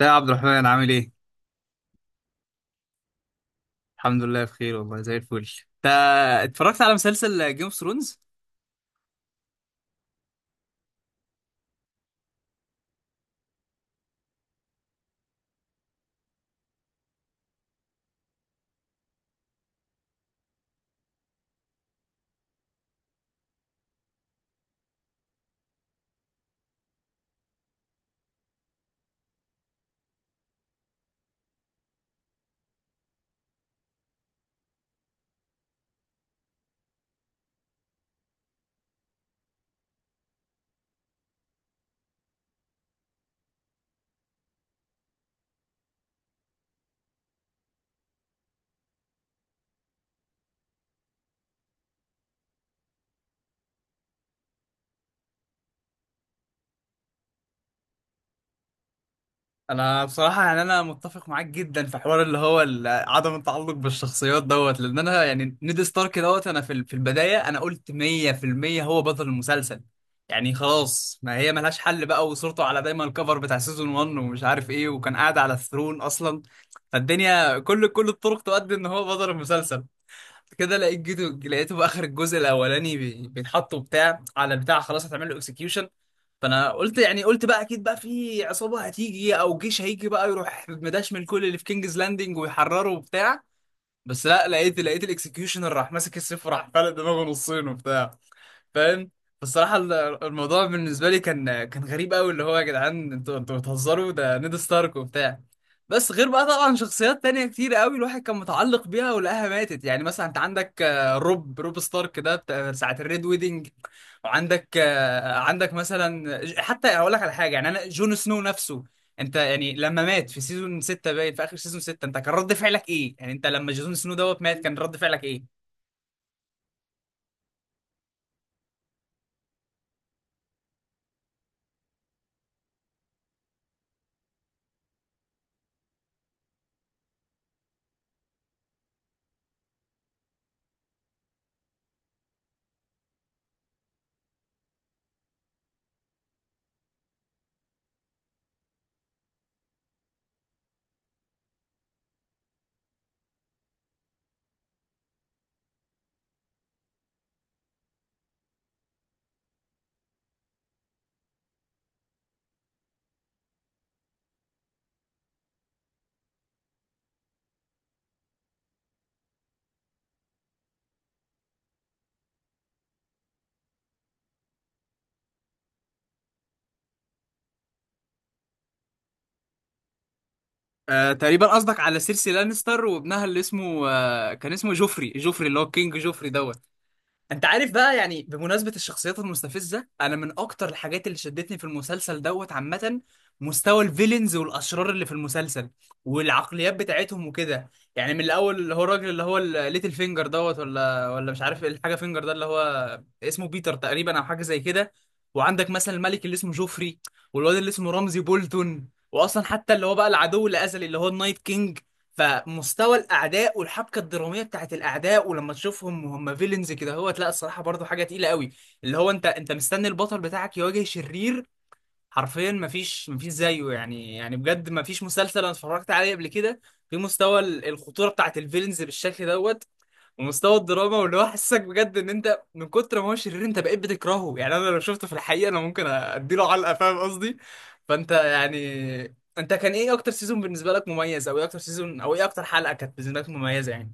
ده يا عبد الرحمن عامل ايه؟ الحمد لله بخير والله زي الفل. انت اتفرجت على مسلسل جيم اوف ثرونز؟ انا بصراحة يعني انا متفق معاك جدا في حوار اللي هو عدم التعلق بالشخصيات دوت، لان انا يعني نيد ستارك دوت. انا في البداية انا قلت 100% هو بطل المسلسل. يعني خلاص، ما هي ملهاش حل بقى، وصورته على دايما الكفر بتاع سيزون 1 ومش عارف ايه، وكان قاعد على الثرون اصلا. فالدنيا كل الطرق تؤدي ان هو بطل المسلسل. كده لقيت جيتو، لقيته في اخر الجزء الاولاني بيتحطوا بتاع على بتاع، خلاص هتعمل له اكسكيوشن. فانا قلت، يعني قلت بقى اكيد بقى في عصابه هتيجي او جيش هيجي بقى يروح مداش من كل اللي في كينجز لاندنج ويحرره وبتاع. بس لا، لقيت الاكسكيوشن راح ماسك السيف وراح فلق دماغه نصين وبتاع. فاهم. فالصراحة الموضوع بالنسبة لي كان غريب قوي، اللي هو يا جدعان انتوا بتهزروا، ده نيد ستارك وبتاع. بس غير بقى طبعا شخصيات تانية كتير قوي الواحد كان متعلق بيها ولقاها ماتت، يعني مثلا انت عندك روب ستارك ده بتاع ساعة الريد ويدنج، وعندك عندك مثلا حتى هقول لك على حاجة، يعني انا جون سنو نفسه. انت يعني لما مات في سيزون 6، باين في اخر سيزون 6 انت كان رد فعلك ايه؟ يعني انت لما جون سنو دوت مات كان رد فعلك ايه؟ آه تقريبا قصدك على سيرسي لانستر وابنها اللي اسمه كان اسمه جوفري، جوفري اللي هو كينج جوفري دوت. انت عارف بقى، يعني بمناسبة الشخصيات المستفزة، انا من اكتر الحاجات اللي شدتني في المسلسل دوت عامة مستوى الفيلنز والاشرار اللي في المسلسل والعقليات بتاعتهم وكده. يعني من الاول اللي هو الراجل اللي هو الليتل فينجر دوت، ولا مش عارف ايه الحاجة فينجر ده اللي هو اسمه بيتر تقريبا او حاجة زي كده. وعندك مثلا الملك اللي اسمه جوفري، والواد اللي اسمه رمزي بولتون، واصلا حتى اللي هو بقى العدو الازلي اللي هو النايت كينج. فمستوى الاعداء والحبكه الدراميه بتاعت الاعداء، ولما تشوفهم وهم فيلنز كده، هو لا الصراحه برضو حاجه تقيله قوي، اللي هو انت مستني البطل بتاعك يواجه شرير حرفيا مفيش زيه، يعني بجد مفيش مسلسل انا اتفرجت عليه قبل كده في مستوى الخطوره بتاعت الفيلنز بالشكل دوت، ومستوى الدراما واللي هو حسسك بجد ان انت من كتر ما هو شرير انت بقيت بتكرهه. يعني انا لو شفته في الحقيقه انا ممكن اديله علقه، فاهم قصدي؟ فانت يعني انت كان ايه اكتر سيزون بالنسبه لك مميز، او ايه اكتر سيزون، او ايه اكتر حلقه كانت بالنسبه لك مميزه يعني؟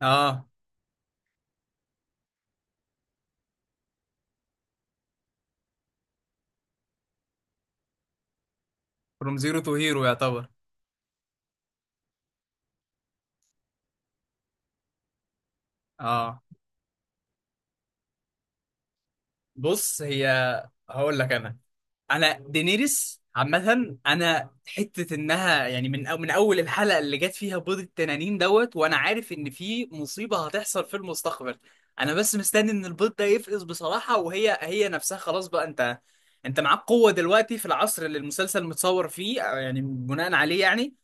اه فروم زيرو تو هيرو يعتبر. اه بص هي، هقول لك انا، انا دينيريس عامة انا حتة انها يعني من أو من اول الحلقة اللي جت فيها بيض التنانين دوت وانا عارف ان في مصيبة هتحصل في المستقبل. انا بس مستني ان البيض ده يفقس بصراحة، وهي نفسها خلاص بقى، انت معاك قوة دلوقتي في العصر اللي المسلسل متصور فيه أو يعني بناء عليه، يعني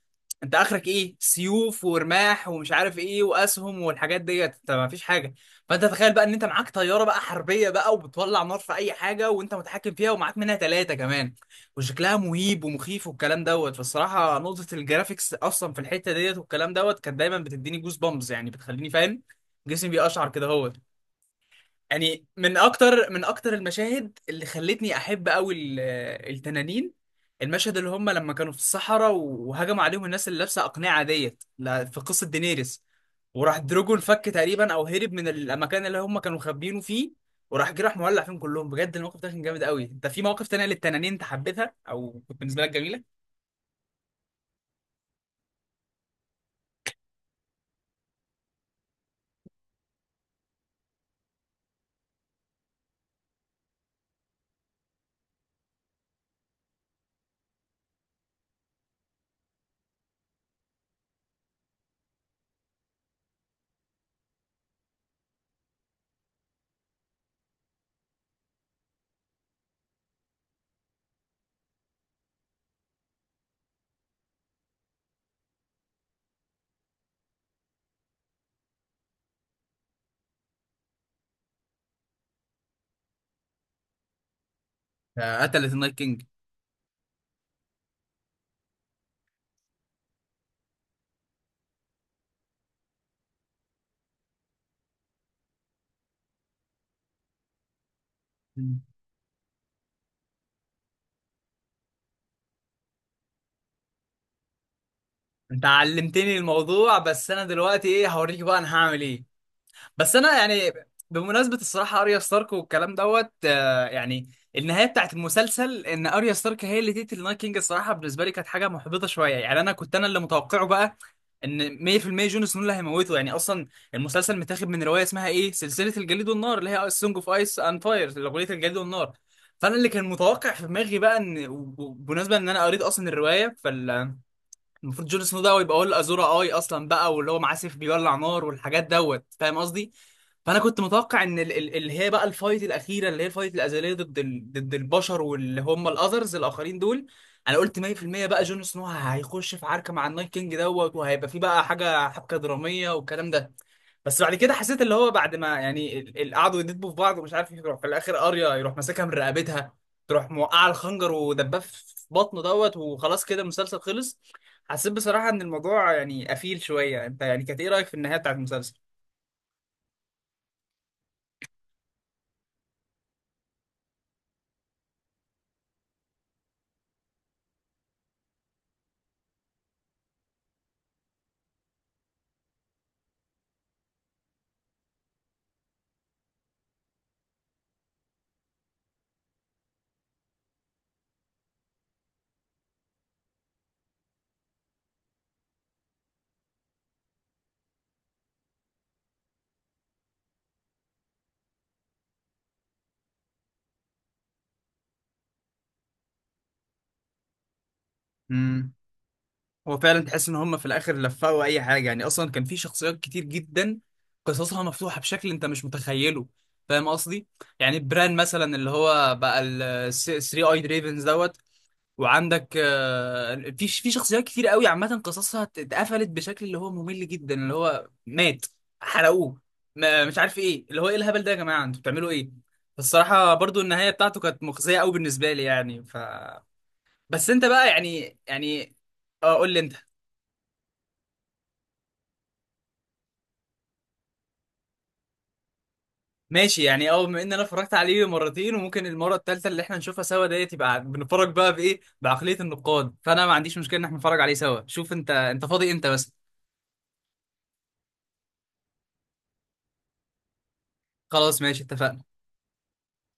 انت اخرك ايه، سيوف ورماح ومش عارف ايه واسهم والحاجات ديت، انت ما فيش حاجه. فانت تخيل بقى ان انت معاك طياره بقى حربيه بقى وبتولع نار في اي حاجه وانت متحكم فيها ومعاك منها ثلاثه كمان وشكلها مهيب ومخيف والكلام دوت. فالصراحه نقطه الجرافيكس اصلا في الحته ديت والكلام دوت كانت دايما بتديني جوز بامبز، يعني بتخليني فاهم، جسمي بيقشعر كده هو. يعني من اكتر المشاهد اللي خلتني احب قوي التنانين، المشهد اللي هم لما كانوا في الصحراء وهجموا عليهم الناس اللي لابسه اقنعه ديت في قصه دينيريس، وراح دروجون فك تقريبا او هرب من المكان اللي هم كانوا مخبيينه فيه وراح جه راح مولع فيهم كلهم. بجد الموقف ده كان جامد قوي. انت في مواقف تانية للتنانين انت حبيتها او كنت بالنسبه لك جميله؟ آه، قتلت النايت كينج. مم. انت علمتني الموضوع بس انا دلوقتي ايه هوريك بقى، انا هعمل ايه؟ بس انا يعني، بمناسبه الصراحه اريا ستارك والكلام دوت، يعني النهايه بتاعت المسلسل ان اريا ستارك هي اللي تقتل النايت كينج، الصراحه بالنسبه لي كانت حاجه محبطه شويه، يعني انا كنت انا اللي متوقعه بقى ان 100% جون سنو اللي هيموته. يعني اصلا المسلسل متاخد من روايه اسمها ايه، سلسله الجليد والنار، اللي هي سونج اوف ايس اند فاير، اغنيه الجليد والنار. فانا اللي كان متوقع في دماغي بقى ان، وبمناسبه ان انا قريت اصلا الروايه، المفروض جون سنو ده يبقى هو الازورا اي اصلا بقى، واللي هو معاه سيف بيولع نار والحاجات دوت، فاهم قصدي؟ فانا كنت متوقع ان اللي هي بقى الفايت الاخيره، اللي هي الفايت الازليه ضد ضد البشر واللي هم الاذرز الاخرين دول. انا قلت 100% بقى جون سنو هيخش في عركه مع النايت كينج دوت وهيبقى في بقى حاجه حبكه دراميه والكلام ده. بس بعد كده حسيت اللي هو بعد ما يعني قعدوا يدبوا في بعض ومش عارف، يروح في الاخر اريا يروح ماسكها من رقبتها، تروح موقعه الخنجر ودباه في بطنه دوت، وخلاص كده المسلسل خلص. حسيت بصراحة إن الموضوع يعني قفيل شوية. أنت يعني كانت إيه رأيك في النهاية بتاعت المسلسل؟ امم هو فعلا تحس ان هم في الاخر لفقوا اي حاجه. يعني اصلا كان في شخصيات كتير جدا قصصها مفتوحه بشكل انت مش متخيله، فاهم قصدي؟ يعني بران مثلا اللي هو بقى ال 3 اي دريفنز دوت. وعندك في شخصيات كتير قوي عامة قصصها اتقفلت بشكل اللي هو ممل جدا، اللي هو مات، حرقوه، ما مش عارف ايه، اللي هو ايه الهبل ده يا جماعة، انتوا بتعملوا ايه؟ فالصراحة برضو النهاية بتاعته كانت مخزية قوي بالنسبة لي يعني، ف بس انت بقى يعني. اه قول لي انت. ماشي، يعني اه بما ان انا اتفرجت عليه مرتين، وممكن المرة الثالثة اللي احنا نشوفها سوا ديت، يبقى بنتفرج بقى بايه، بعقلية النقاد، فانا ما عنديش مشكلة ان احنا نتفرج عليه سوا. شوف انت فاضي امتى بس. خلاص ماشي اتفقنا.